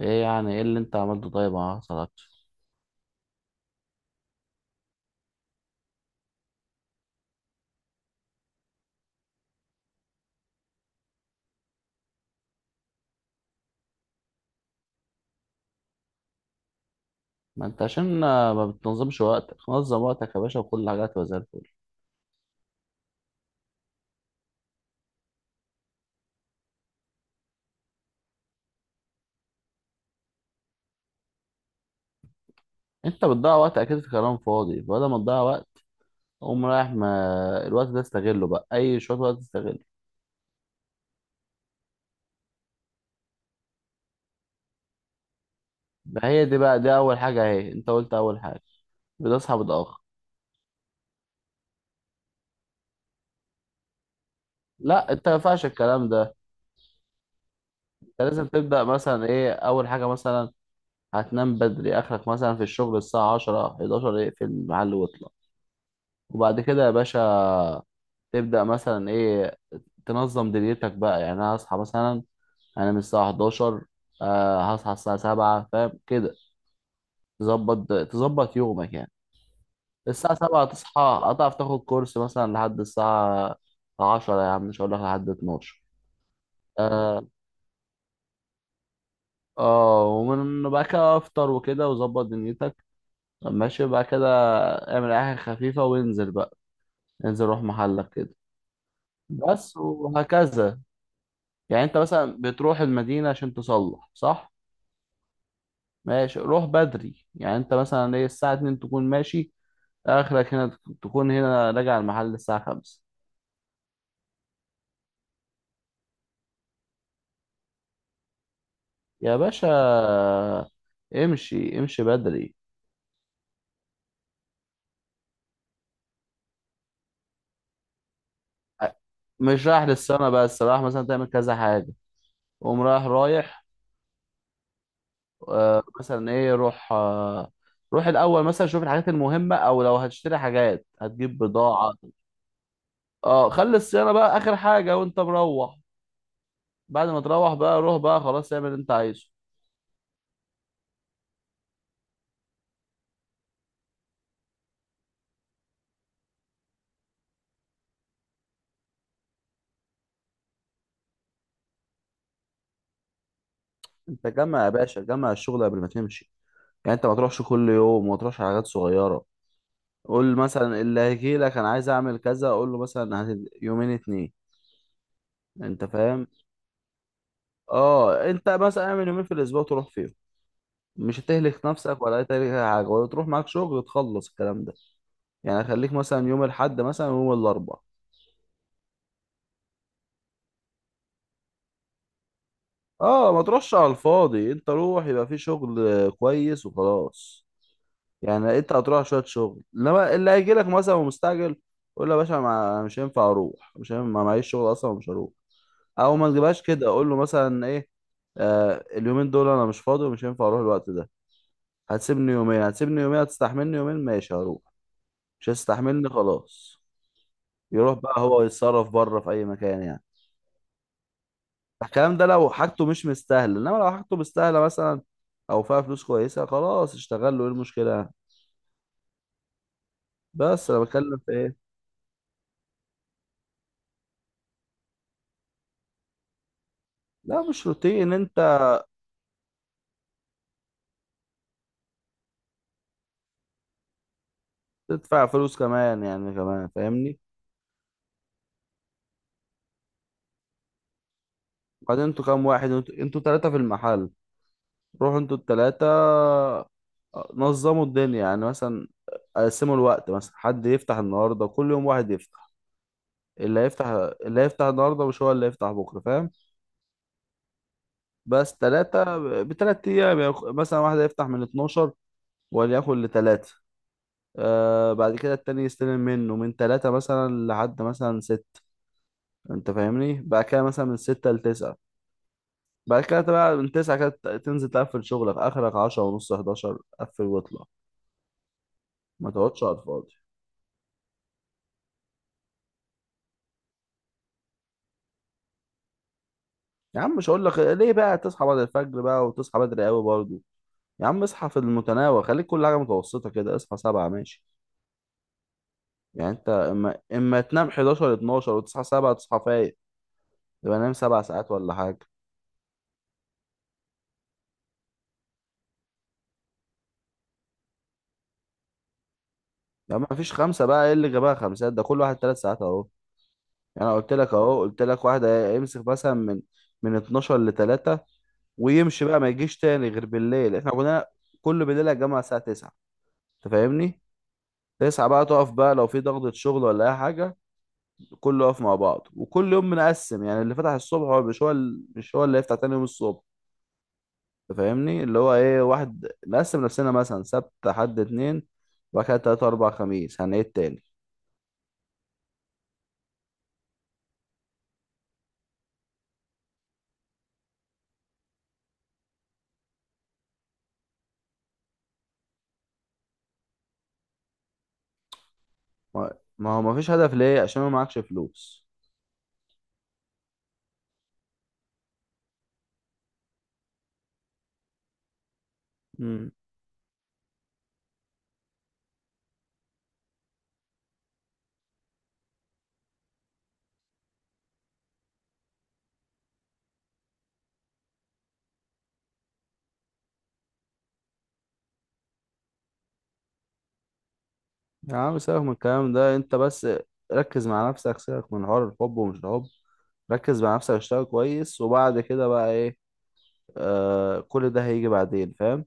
ايه يعني ايه اللي انت عملته؟ طيب ما حصلكش؟ ما انت عشان ما بتنظمش وقتك. نظم وقتك يا باشا وكل حاجه هتبقى زي الفل. انت بتضيع وقت اكيد في كلام فاضي، بدل ما تضيع وقت قوم رايح. ما الوقت ده استغله بقى، اي شويه وقت استغله. ده هي دي بقى، دي اول حاجه، اهي انت قلت اول حاجه: بتصحى متاخر. لا، انت ما ينفعش الكلام ده. انت لازم تبدا مثلا ايه اول حاجه مثلا؟ هتنام بدري. اخرك مثلا في الشغل الساعه 10 11 اقفل المحل واطلع. وبعد كده يا باشا تبدأ مثلا ايه؟ تنظم دنيتك بقى. يعني انا هصحى مثلا، انا من الساعه 11، هصحى الساعه 7 فاهم كده. تظبط يومك يعني. الساعه 7 تصحى هتعرف تاخد كورس مثلا لحد الساعه 10، يا عم مش هقول لك لحد 12. اه، ومن بقى كده افطر وكده وظبط دنيتك، ماشي بقى كده. اعمل اي حاجه خفيفه وانزل بقى، انزل روح محلك كده، بس وهكذا. يعني انت مثلا بتروح المدينه عشان تصلح، صح؟ ماشي روح بدري، يعني انت مثلا ايه، الساعة 2 تكون ماشي، اخرك هنا تكون هنا راجع المحل الساعة 5. يا باشا امشي امشي بدري، مش رايح للسما، بس رايح مثلا تعمل كذا حاجة. قوم رايح رايح. آه مثلا ايه، روح. آه، روح الاول مثلا شوف الحاجات المهمة، او لو هتشتري حاجات هتجيب بضاعة. اه، خلي الصيانة بقى اخر حاجة وانت مروح. بعد ما تروح بقى روح بقى خلاص، اعمل اللي انت عايزه. انت جمع يا باشا، جمع الشغل قبل ما تمشي. يعني انت ما تروحش كل يوم، وما تروحش على حاجات صغيره. قول مثلا اللي هيجي لك انا عايز اعمل كذا، اقول له مثلا يومين اتنين. انت فاهم؟ اه، انت مثلا اعمل يومين في الاسبوع تروح فيهم. مش هتهلك نفسك ولا هتهلك أي حاجه، ولا تروح معاك شغل تخلص الكلام ده. يعني خليك مثلا يوم الاحد مثلا ويوم الاربع. اه، ما تروحش على الفاضي، انت روح يبقى في شغل كويس وخلاص. يعني انت هتروح شويه شغل، انما اللي هيجي لك مثلا ومستعجل قول له يا باشا مش هينفع اروح، مش هينفع ما معيش شغل اصلا ومش هروح. او ما تجيبهاش كده، اقول له مثلا ايه؟ آه، اليومين دول انا مش فاضي ومش هينفع اروح الوقت ده. هتسيبني يومين، هتسيبني يومين، هتستحملني يومين ماشي هروح. مش هتستحملني خلاص. يروح بقى هو يتصرف بره في اي مكان يعني. الكلام ده لو حاجته مش مستاهله، انما لو حاجته مستاهله مثلا او فيها فلوس كويسه، خلاص اشتغل له، ايه المشكله؟ بس انا بتكلم في ايه؟ لا مش روتين انت. تدفع فلوس كمان، يعني كمان فاهمني. بعدين انتوا كام واحد؟ انتوا ثلاثه في المحل. روحوا انتوا التلاتة، نظموا الدنيا يعني مثلا، قسموا الوقت. مثلا حد يفتح النهاردة، كل يوم واحد يفتح. اللي هيفتح، اللي هيفتح النهاردة مش هو اللي هيفتح بكرة فاهم. بس تلاتة، بتلات أيام. يعني مثلا واحد هيفتح من 12 وليكن لتلاتة. آه، بعد كده التاني يستلم منه من تلاتة مثلا لحد مثلا ستة. انت فاهمني؟ بعد كده مثلا من ستة لتسعة. بعد كده بقى من تسعة كده تنزل تقفل شغلك، آخرك عشرة ونص حداشر، قفل واطلع. ما تقعدش على الفاضي. يا عم مش هقول لك ليه بقى تصحى بعد الفجر بقى وتصحى بدري قوي برضه. يا عم اصحى في المتناول، خليك كل حاجه متوسطه كده، اصحى سبعة ماشي. يعني انت اما تنام 11 12 وتصحى سبعة تصحى فايق، يبقى نام سبع ساعات ولا حاجه. يا عم مفيش خمسه بقى، ايه اللي جابها خمسات، ده كل واحد ثلاث ساعات اهو. يعني انا قلت لك اهو، قلت لك واحد يمسك مثلا من 12 ل 3 ويمشي بقى، ما يجيش تاني غير بالليل. احنا كنا كل بالليل يا جماعه الساعه 9. انت فاهمني؟ 9 بقى تقف بقى لو في ضغطة شغل ولا اي حاجه، كله واقف مع بعض. وكل يوم بنقسم، يعني اللي فتح الصبح هو مش هو مش هو اللي هيفتح تاني يوم الصبح. أنت فاهمني اللي هو ايه، واحد نقسم نفسنا مثلا سبت حد اتنين، وبعد كده تلاتة أربع خميس هنعيد تاني. ما ما هو مفيش هدف ليه؟ عشان ما معكش فلوس. امم. يا عم سيبك من الكلام ده انت بس، ركز مع نفسك. سيبك من حوار الحب ومش الحب، ركز مع نفسك. اشتغل كويس، وبعد كده بقى ايه؟ آه، كل ده هيجي بعدين فاهم.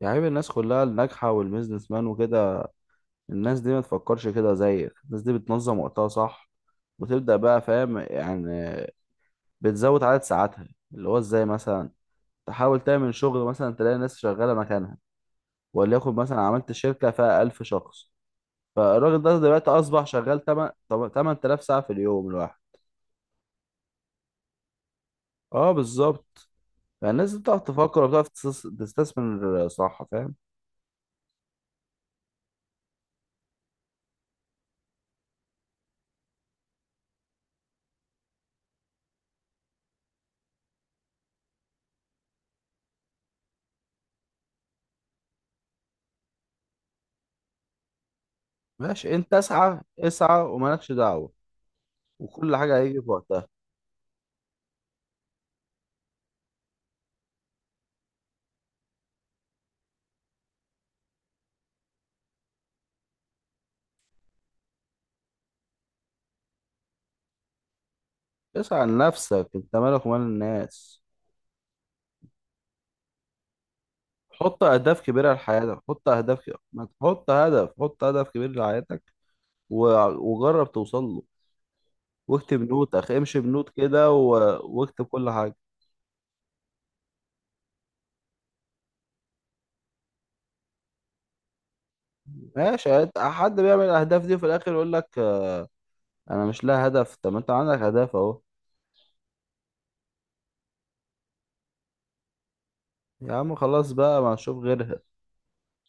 يعني عيب الناس كلها الناجحة والبيزنس مان وكده، الناس دي ما تفكرش كده زيك. الناس دي بتنظم وقتها صح، وتبدأ بقى فاهم يعني، بتزود عدد ساعاتها. اللي هو ازاي مثلا؟ تحاول تعمل شغل مثلا، تلاقي ناس شغالة مكانها، وليكن مثلا عملت شركة فيها 1000 شخص. فالراجل ده دلوقتي أصبح شغال 8 8000 ساعة في اليوم الواحد. اه بالظبط. فالناس دي بتعرف تفكر وبتعرف تستثمر، صح فاهم؟ ماشي انت، اسعى اسعى ومالكش دعوة، وكل حاجة هيجي في وقتها. اسعى لنفسك، انت مالك ومال الناس. حط اهداف كبيره لحياتك، ما تحط هدف، حط هدف كبير لحياتك و... وجرب توصل له. واكتب نوت، اخ امشي بنوت كده واكتب كل حاجه. ماشي حد بيعمل الاهداف دي وفي الاخر يقول لك آه، انا مش لها هدف. طب ما انت عندك هدف اهو. يا عم خلاص بقى، ما نشوف غيرها.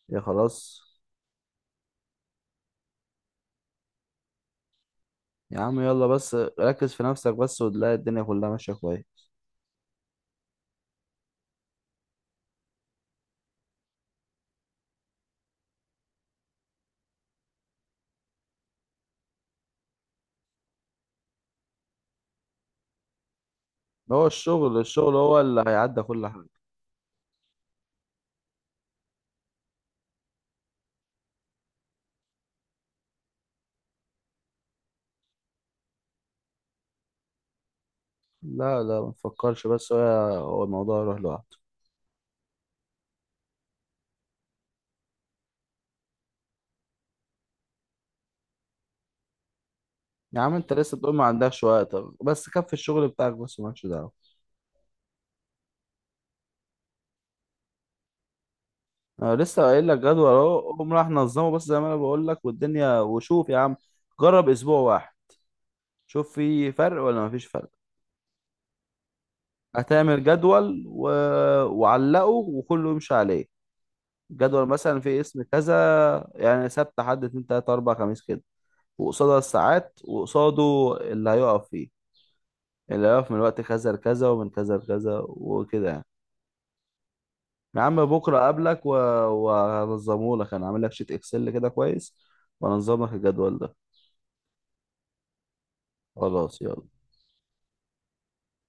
يا خلاص. يا عم يلا بس، ركز في نفسك بس وتلاقي الدنيا كلها ماشيه كويس. هو الشغل، الشغل هو اللي هيعدي كل حاجه. لا لا ما تفكرش، بس هو، هو الموضوع يروح لوحده. يا عم انت لسه بتقول ما عندكش وقت. بس كفي الشغل بتاعك بس، مالكش دعوه. انا لسه قايل لك جدول اهو، قوم راح نظمه، بس زي ما انا بقول لك والدنيا، وشوف يا عم. جرب اسبوع واحد، شوف في فرق ولا مفيش فرق. هتعمل جدول وعلقه، وكله يمشي عليه. جدول مثلا في اسم كذا، يعني سبت حد اتنين تلاتة أربعة خميس كده، وقصادها الساعات، وقصاده اللي هيقف فيه، اللي هيقف من وقت كذا لكذا، ومن كذا لكذا وكده يعني. يا عم بكره اقابلك وهنظمه لك. انا عامل لك شيت اكسل كده كويس، وهنظم لك الجدول ده. خلاص يلا.